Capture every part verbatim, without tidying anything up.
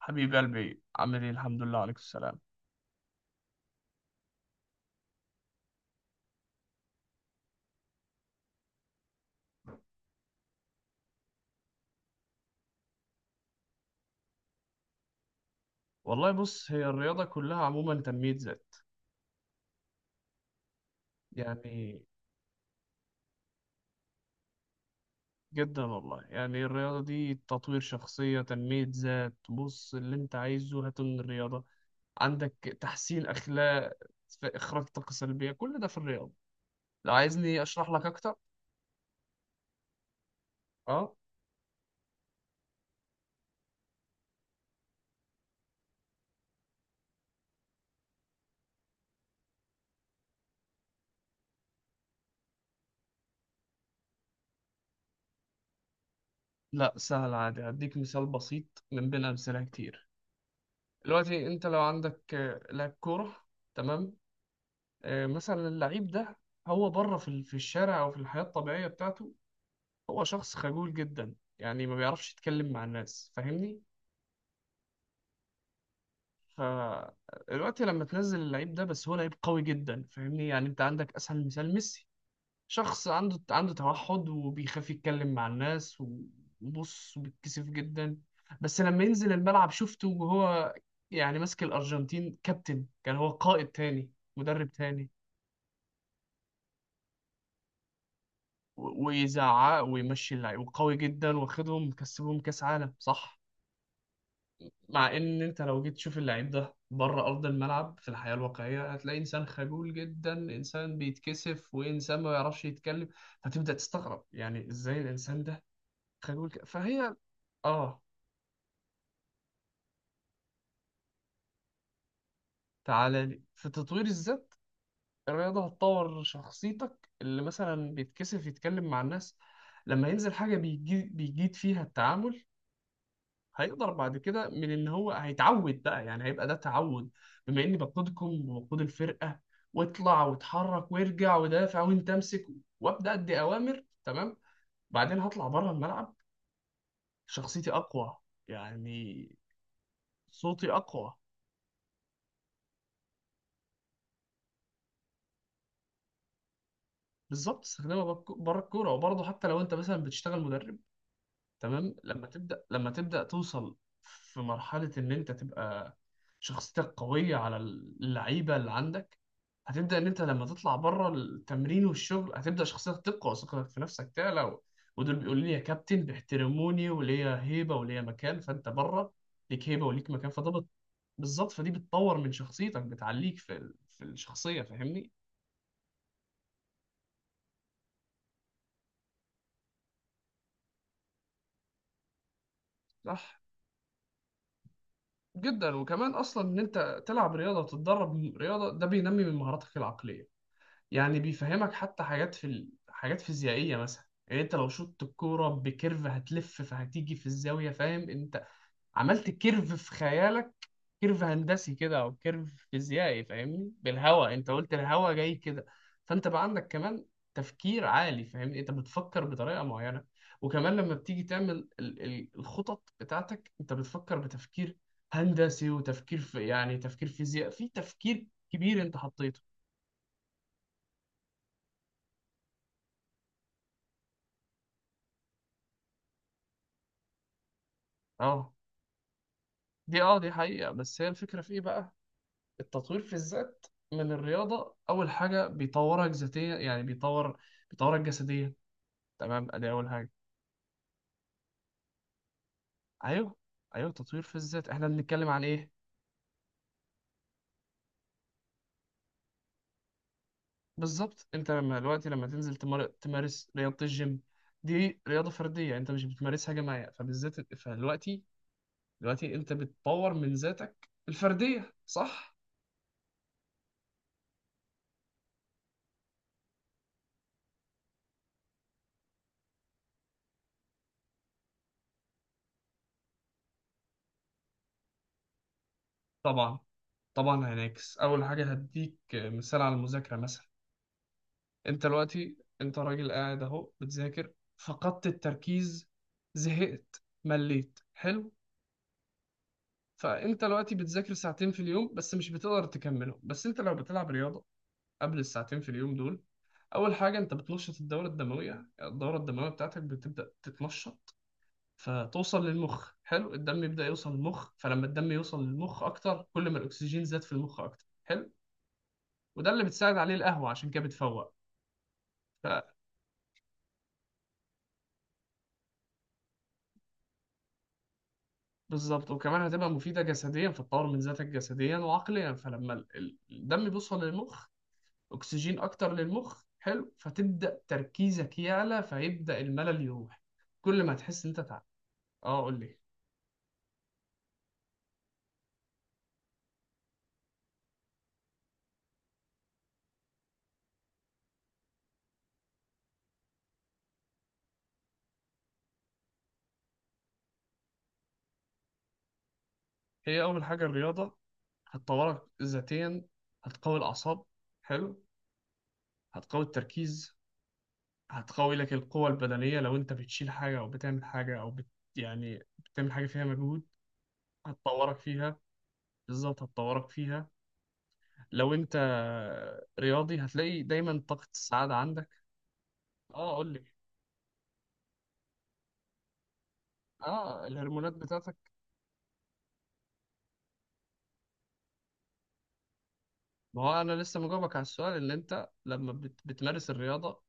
حبيب قلبي عامل ايه، الحمد لله. عليك السلام. والله بص، هي الرياضة كلها عموما تنمية ذات. يعني جدا والله، يعني الرياضة دي تطوير شخصية، تنمية ذات. بص اللي انت عايزه هاته من الرياضة عندك. تحسين أخلاق، في إخراج طاقة سلبية، كل ده في الرياضة. لو عايزني أشرح لك أكتر. اه لا، سهل عادي، هديك مثال بسيط من بين أمثلة كتير. دلوقتي انت لو عندك آه، لاعب كورة. تمام. آه، مثلا اللعيب ده هو بره في ال- في الشارع او في الحياة الطبيعية بتاعته، هو شخص خجول جدا، يعني ما بيعرفش يتكلم مع الناس، فاهمني. فدلوقتي لما تنزل اللعيب ده، بس هو لعيب قوي جدا، فاهمني. يعني انت عندك اسهل مثال ميسي، شخص عنده عنده توحد وبيخاف يتكلم مع الناس، وبص وبيتكسف جدا. بس لما ينزل الملعب شفته وهو يعني ماسك الارجنتين كابتن، كان هو قائد تاني، مدرب تاني، و- ويزعق ويمشي اللعيب وقوي جدا، واخدهم مكسبهم كاس عالم، صح. مع ان انت لو جيت تشوف اللعيب ده بره ارض الملعب في الحياه الواقعيه، هتلاقي انسان خجول جدا، انسان بيتكسف، وانسان ما بيعرفش يتكلم. فتبدا تستغرب، يعني ازاي الانسان ده خجول كده فهي. اه. تعالى لي في تطوير الذات. الرياضه هتطور شخصيتك. اللي مثلا بيتكسف يتكلم مع الناس، لما ينزل حاجه بيجي بيجيد فيها التعامل، هيقدر بعد كده من ان هو هيتعود بقى، يعني هيبقى ده تعود. بما اني بقودكم وبقود الفرقه، واطلع واتحرك وارجع ودافع، وانت امسك، وابدا ادي اوامر، تمام. بعدين هطلع بره الملعب، شخصيتي اقوى. يعني صوتي اقوى. بالظبط، استخدمها بره الكوره. وبرضه حتى لو انت مثلا بتشتغل مدرب، تمام، لما تبدأ لما تبدأ توصل في مرحلة إن أنت تبقى شخصيتك قوية على اللعيبة اللي عندك. هتبدأ إن أنت لما تطلع بره التمرين والشغل، هتبدأ شخصيتك تقوى، وثقتك في نفسك تعلى، و- ودول بيقولوا لي يا كابتن، بيحترموني وليا هيبة وليا مكان، فأنت بره ليك هيبة وليك مكان، فده بت- بالظبط. فدي بتطور من شخصيتك، بتعليك في ال- في الشخصية، فاهمني؟ صح جدا. وكمان أصلا إن أنت تلعب رياضة وتتدرب رياضة، ده بينمي من مهاراتك العقلية. يعني بيفهمك حتى حاجات في ال... حاجات فيزيائية مثلا. يعني انت لو شطت الكورة بكيرف هتلف، فهتيجي في الزاوية، فاهم انت؟ عملت كيرف في خيالك، كيرف هندسي كده او كيرف فيزيائي، فاهمني، بالهواء، انت قلت الهواء جاي كده. فانت بقى عندك كمان تفكير عالي، فاهمني، انت بتفكر بطريقة معينة. وكمان لما بتيجي تعمل ال- ال- الخطط بتاعتك، انت بتفكر بتفكير هندسي، وتفكير في يعني تفكير فيزياء، في تفكير كبير انت حطيته. اه. دي اه، دي حقيقة. بس هي الفكرة في ايه بقى؟ التطوير في الذات من الرياضة، اول حاجة بيطورك ذاتيا، يعني بيطور بيطورك جسديا، تمام، ادي اول حاجة. ايوه، ايوه. تطوير في الذات، احنا بنتكلم عن ايه؟ بالظبط. انت لما دلوقتي، لما تنزل تمار... تمارس رياضة الجيم، دي رياضة فردية، انت مش بتمارسها جماعية فبالذات. فدلوقتي دلوقتي انت بتطور من ذاتك الفردية، صح. طبعا، طبعا هينعكس. اول حاجة هديك مثال على المذاكرة مثلا. انت دلوقتي، انت راجل قاعد اهو بتذاكر، فقدت التركيز، زهقت، مليت، حلو. فانت دلوقتي بتذاكر ساعتين في اليوم بس، مش بتقدر تكملهم. بس انت لو بتلعب رياضة قبل الساعتين في اليوم دول، اول حاجة انت بتنشط الدورة الدموية، الدورة الدموية بتاعتك بتبدأ تتنشط، فتوصل للمخ، حلو. الدم يبدأ يوصل للمخ، فلما الدم يوصل للمخ اكتر، كل ما الاكسجين زاد في المخ اكتر، حلو. وده اللي بتساعد عليه القهوة، عشان كده بتفوق. بالظبط، وكمان هتبقى مفيدة جسديا، فتطور من ذاتك جسديا وعقليا. فلما ال- ال- الدم بيوصل للمخ، أكسجين أكتر للمخ، حلو، فتبدأ تركيزك يعلى، فيبدأ الملل يروح، كل ما تحس إن أنت تعب. أه قول لي. هي أول حاجة الرياضة هتطورك ذاتيا، هتقوي الأعصاب، حلو، هتقوي التركيز، هتقوي لك القوة البدنية لو أنت بتشيل حاجة أو بتعمل حاجة أو بت... يعني بتعمل حاجة فيها مجهود، هتطورك فيها، بالظبط هتطورك فيها. لو انت رياضي، هتلاقي دايما طاقة السعادة عندك. اه قول لي. اه الهرمونات بتاعتك. ما هو انا لسه مجاوبك على السؤال. اللي انت لما بت... بتمارس الرياضة،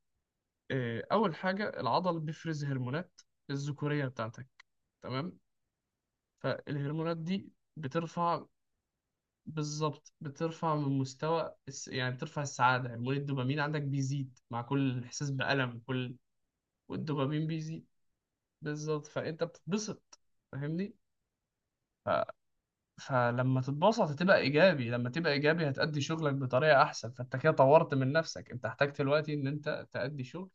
آه، اول حاجة العضل بيفرز هرمونات الذكورية بتاعتك، تمام. فالهرمونات دي بترفع، بالظبط، بترفع من مستوى الس... يعني بترفع السعادة. هرمون الدوبامين عندك بيزيد مع كل احساس بألم، كل والدوبامين بيزيد، بالظبط. فانت بتتبسط، فاهمني. فلما تتبسط هتبقى ايجابي، لما تبقى ايجابي هتأدي شغلك بطريقه احسن، فانت كده طورت من نفسك. انت احتاج دلوقتي ان انت تأدي شغل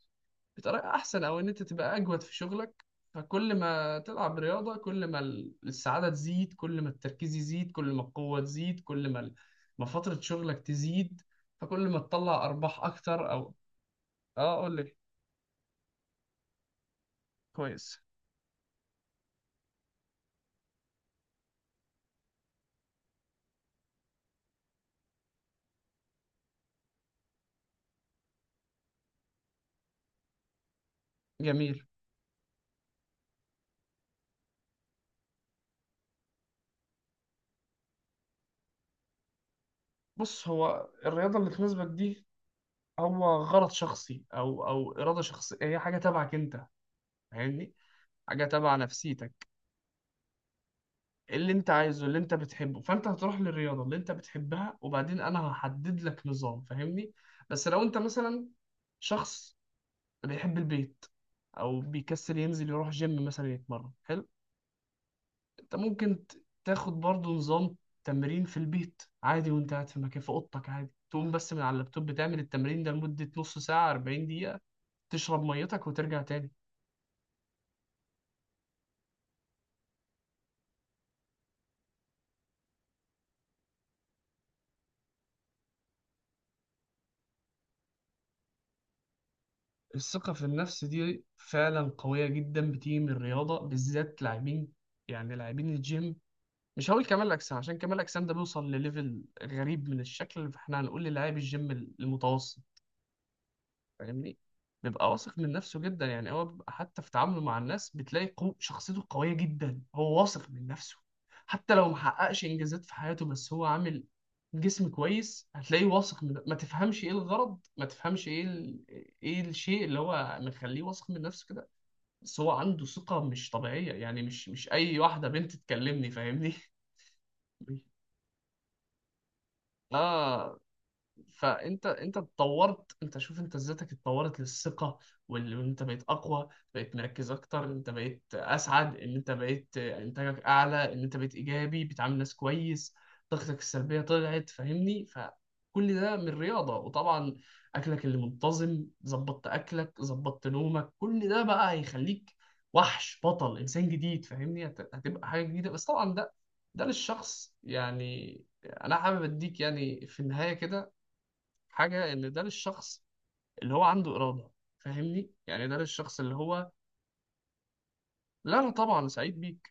بطريقه احسن، او ان انت تبقى اجود في شغلك. فكل ما تلعب رياضه، كل ما ال- السعاده تزيد، كل ما التركيز يزيد، كل ما القوه تزيد، كل ما ال- ما فتره شغلك تزيد، فكل ما تطلع ارباح اكتر او. اه قول لي. كويس. جميل. بص، هو الرياضه اللي تناسبك دي هو غرض شخصي، او او اراده شخصيه، هي حاجه تبعك انت، فاهمني. حاجه تبع نفسيتك، اللي انت عايزه، اللي انت بتحبه. فانت هتروح للرياضه اللي انت بتحبها، وبعدين انا هحدد لك نظام، فاهمني. بس لو انت مثلا شخص بيحب البيت، او بيكسل ينزل يروح جيم مثلا يتمرن، حلو، انت ممكن ت- تاخد برضو نظام تمرين في البيت عادي، وانت قاعد في مكان في اوضتك عادي، تقوم بس من على اللابتوب، بتعمل التمرين ده لمدة نص ساعة أربعين دقيقة، تشرب ميتك وترجع تاني. الثقة في النفس دي فعلا قوية جدا، بتيجي من الرياضة، بالذات لاعبين، يعني لاعبين الجيم. مش هقول كمال أجسام، عشان كمال أجسام ده بيوصل لليفل غريب من الشكل، فاحنا هنقول للاعب الجيم المتوسط، فاهمني، بيبقى واثق من نفسه جدا. يعني هو بيبقى حتى في تعامله مع الناس، بتلاقي قو... شخصيته قوية جدا، هو واثق من نفسه. حتى لو محققش إنجازات في حياته، بس هو عامل جسم كويس، هتلاقيه واثق من. ما تفهمش إيه الغرض، ما تفهمش إيه ال... إيه الشيء اللي هو مخليه واثق من نفسه كده، بس هو عنده ثقة مش طبيعية. يعني مش مش أي واحدة بنت تكلمني، فاهمني. آه. فانت، انت اتطورت، انت شوف، انت ذاتك اتطورت للثقه، وال- وان انت بقيت اقوى، بقيت مركز اكتر، انت بقيت اسعد، ان انت بقيت انتاجك اعلى، ان انت بقيت ايجابي، بتعامل ناس كويس، طاقتك السلبيه طلعت، فاهمني. فكل ده من رياضه، وطبعا اكلك اللي منتظم، ظبطت اكلك، ظبطت نومك، كل ده بقى هيخليك وحش، بطل، انسان جديد، فاهمني. هت- هتبقى حاجه جديده، بس طبعا ده، ده للشخص. يعني انا حابب اديك يعني في النهايه كده حاجة، إن ده للشخص اللي هو عنده إرادة، فاهمني. يعني ده للشخص اللي هو. لا أنا طبعا سعيد بيك.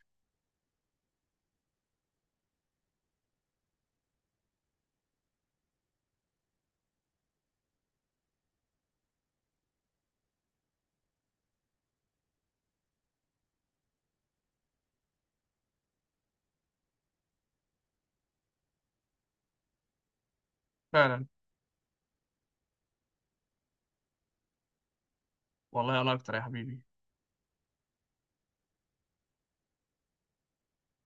فعلا، والله أنا أكتر يا حبيبي.